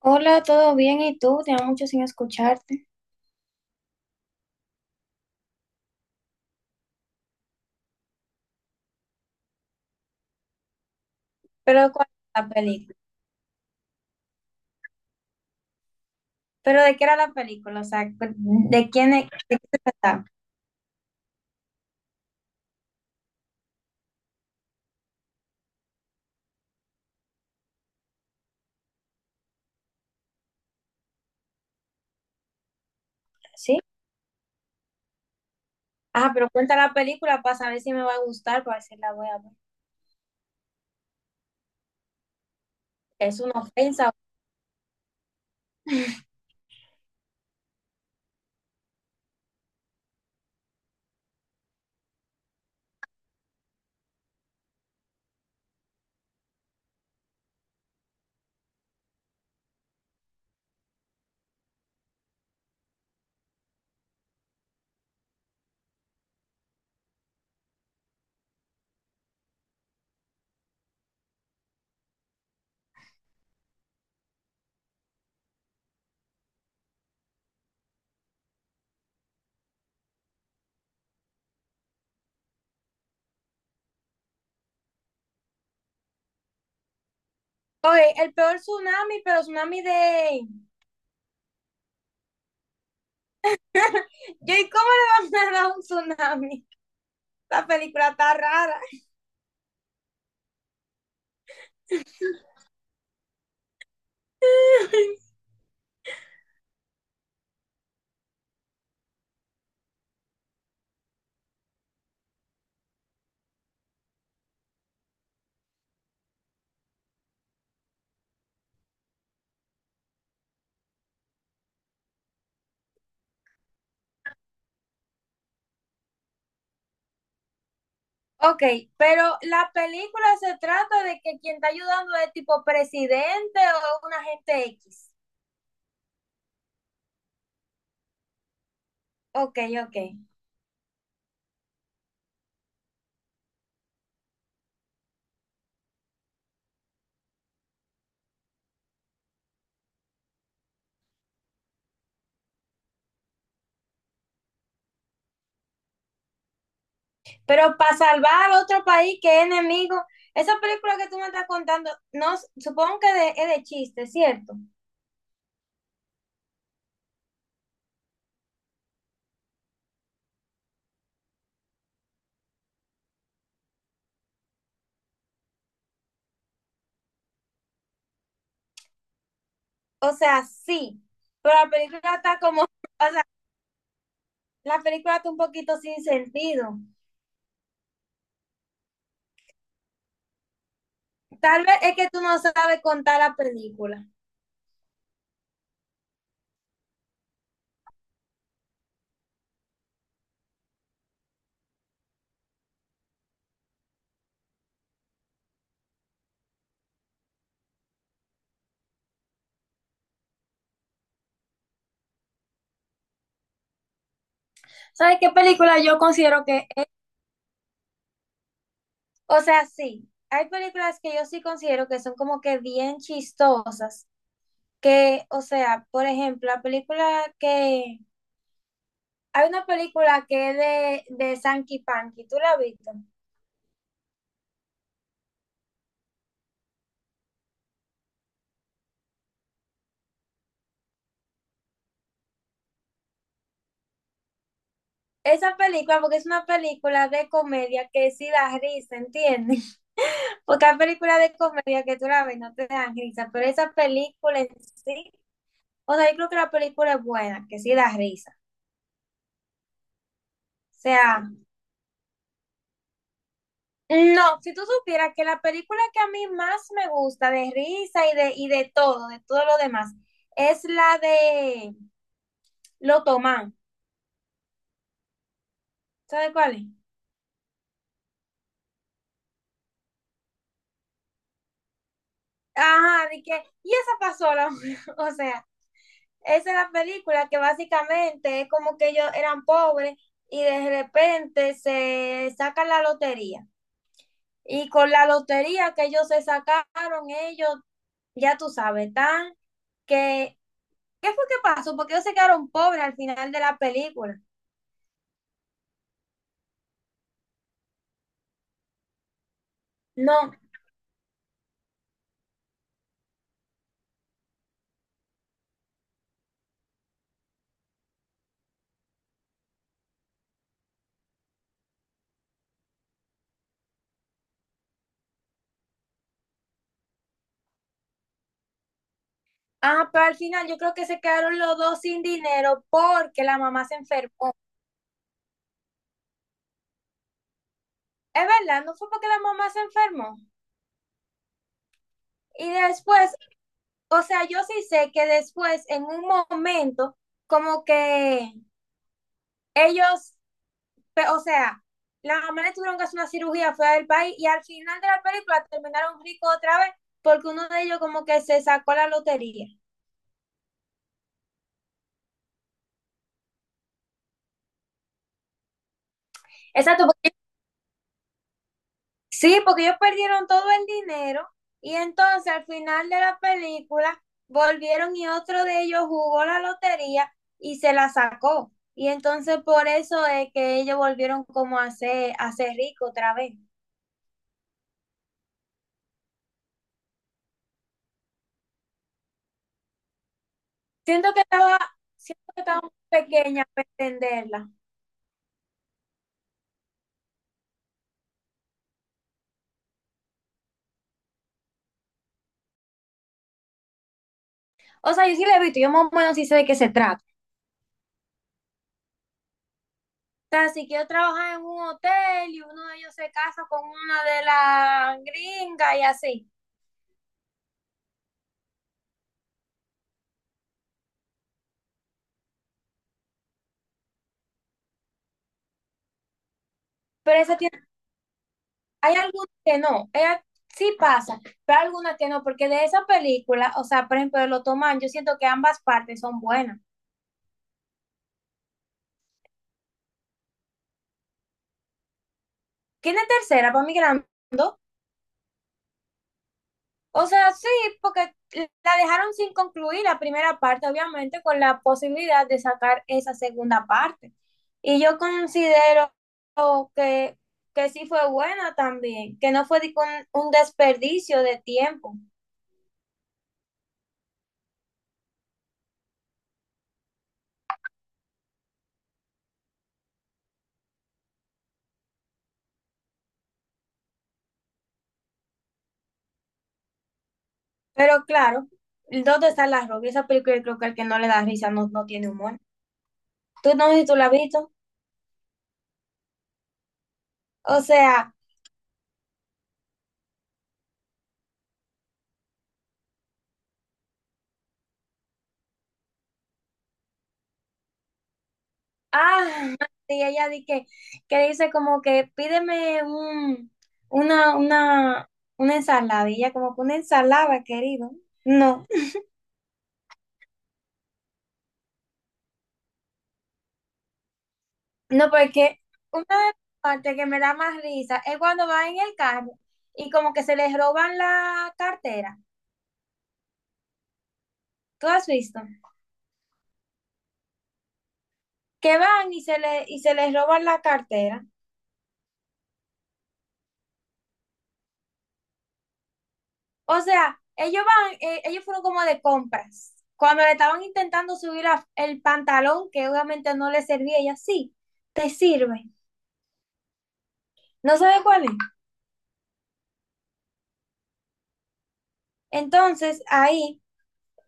Hola, ¿todo bien? ¿Y tú? Tenía mucho sin escucharte. Pero ¿cuál es la película? ¿Pero de qué era la película? O sea, ¿de quién es, de qué se trataba? ¿Sí? Ah, pero cuenta la película para saber si me va a gustar, para ver si la voy a ver. Es una ofensa. Oye, el peor tsunami, pero tsunami de... Yo, ¿y cómo le van a dar un tsunami? La película está rara. Ok, pero la película se trata de que quien está ayudando es tipo presidente o una gente X. Ok, ok. Pero para salvar a otro país que es enemigo, esa película que tú me estás contando, no, supongo que es de chiste, ¿cierto? O sea, sí, pero la película está como, o sea, la película está un poquito sin sentido. Tal vez es que tú no sabes contar la película. ¿Sabes qué película yo considero que es? O sea, sí, hay películas que yo sí considero que son como que bien chistosas, que, o sea, por ejemplo, la película que hay una película que es de Sankey Panky, ¿tú la has visto? Esa película, porque es una película de comedia que sí da risa, ¿entiendes? Porque hay películas de comedia que tú la ves, no te dan risa, pero esa película en sí, o sea, yo creo que la película es buena, que sí da risa. O sea, no, si tú supieras que la película que a mí más me gusta de risa y de todo, de todo lo demás, es la de Lo Tomán. ¿Sabes cuál es? Ajá, de que, y esa pasó la mujer. O sea, esa es la película que básicamente es como que ellos eran pobres y de repente se sacan la lotería. Y con la lotería que ellos se sacaron, ellos, ya tú sabes, tan que. ¿Qué fue que pasó? Porque ellos se quedaron pobres al final de la película. No. Ah, pero al final yo creo que se quedaron los dos sin dinero porque la mamá se enfermó. Es verdad, no fue porque la mamá se enfermó. Y después, o sea, yo sí sé que después, en un momento, como que ellos, o sea, las mamá le tuvieron que hacer una cirugía fuera del país y al final de la película terminaron ricos otra vez porque uno de ellos como que se sacó la lotería. Exacto, sí, porque ellos perdieron todo el dinero y entonces al final de la película volvieron y otro de ellos jugó la lotería y se la sacó. Y entonces por eso es que ellos volvieron como a ser ricos otra vez. Siento que estaba, siento que estaba muy pequeña para entenderla. O sea, yo sí la he visto, yo más o menos sí sé de qué se trata. O sea, si quiero trabajar en un hotel y uno de ellos se casa con una de las gringas y así. Pero esa tiene hay algunas que no, sí pasa, pero hay algunas que no, porque de esa película, o sea, por ejemplo, de Lo Toman, yo siento que ambas partes son buenas. ¿Quién es tercera para mí Grando? O sea, sí, porque la dejaron sin concluir la primera parte, obviamente, con la posibilidad de sacar esa segunda parte. Y yo considero que, que sí fue buena también, que no fue de que un desperdicio de tiempo. Pero claro, ¿dónde está la rubia? Esa película yo creo que el que no le da risa no, no tiene humor. Tú no sé si tú la has visto. O sea, ah, y ella di que le dice como que pídeme una, una, una ensalada. Y ella como que una ensalada, querido. No, no, porque una de las partes que me da más risa es cuando va en el carro y como que se les roban la cartera. ¿Tú has visto? Que van y se le, y se les roban la cartera. O sea, ellos van, ellos fueron como de compras. Cuando le estaban intentando subir el pantalón, que obviamente no le servía, ella sí, te sirve. No sabe cuál es. Entonces, ahí,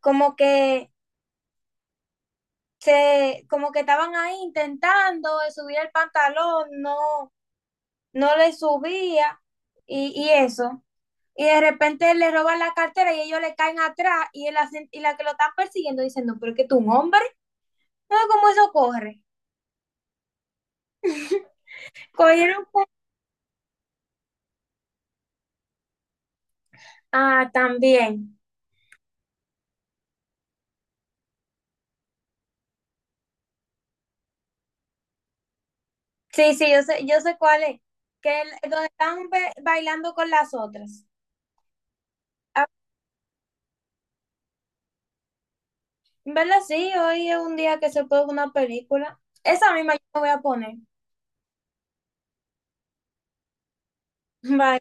como que se, como que estaban ahí intentando de subir el pantalón, no, no le subía, y eso. Y de repente le roban la cartera y ellos le caen atrás, y, y la que lo están persiguiendo diciendo, pero es que tú un hombre, no cómo eso corre. Cogieron ah, también. Sí, sí, yo sé cuál es. Que donde están bailando con las otras. Ah, en ¿verdad? Sí, hoy es un día que se puede ver una película. Esa misma yo me voy a poner. Bye.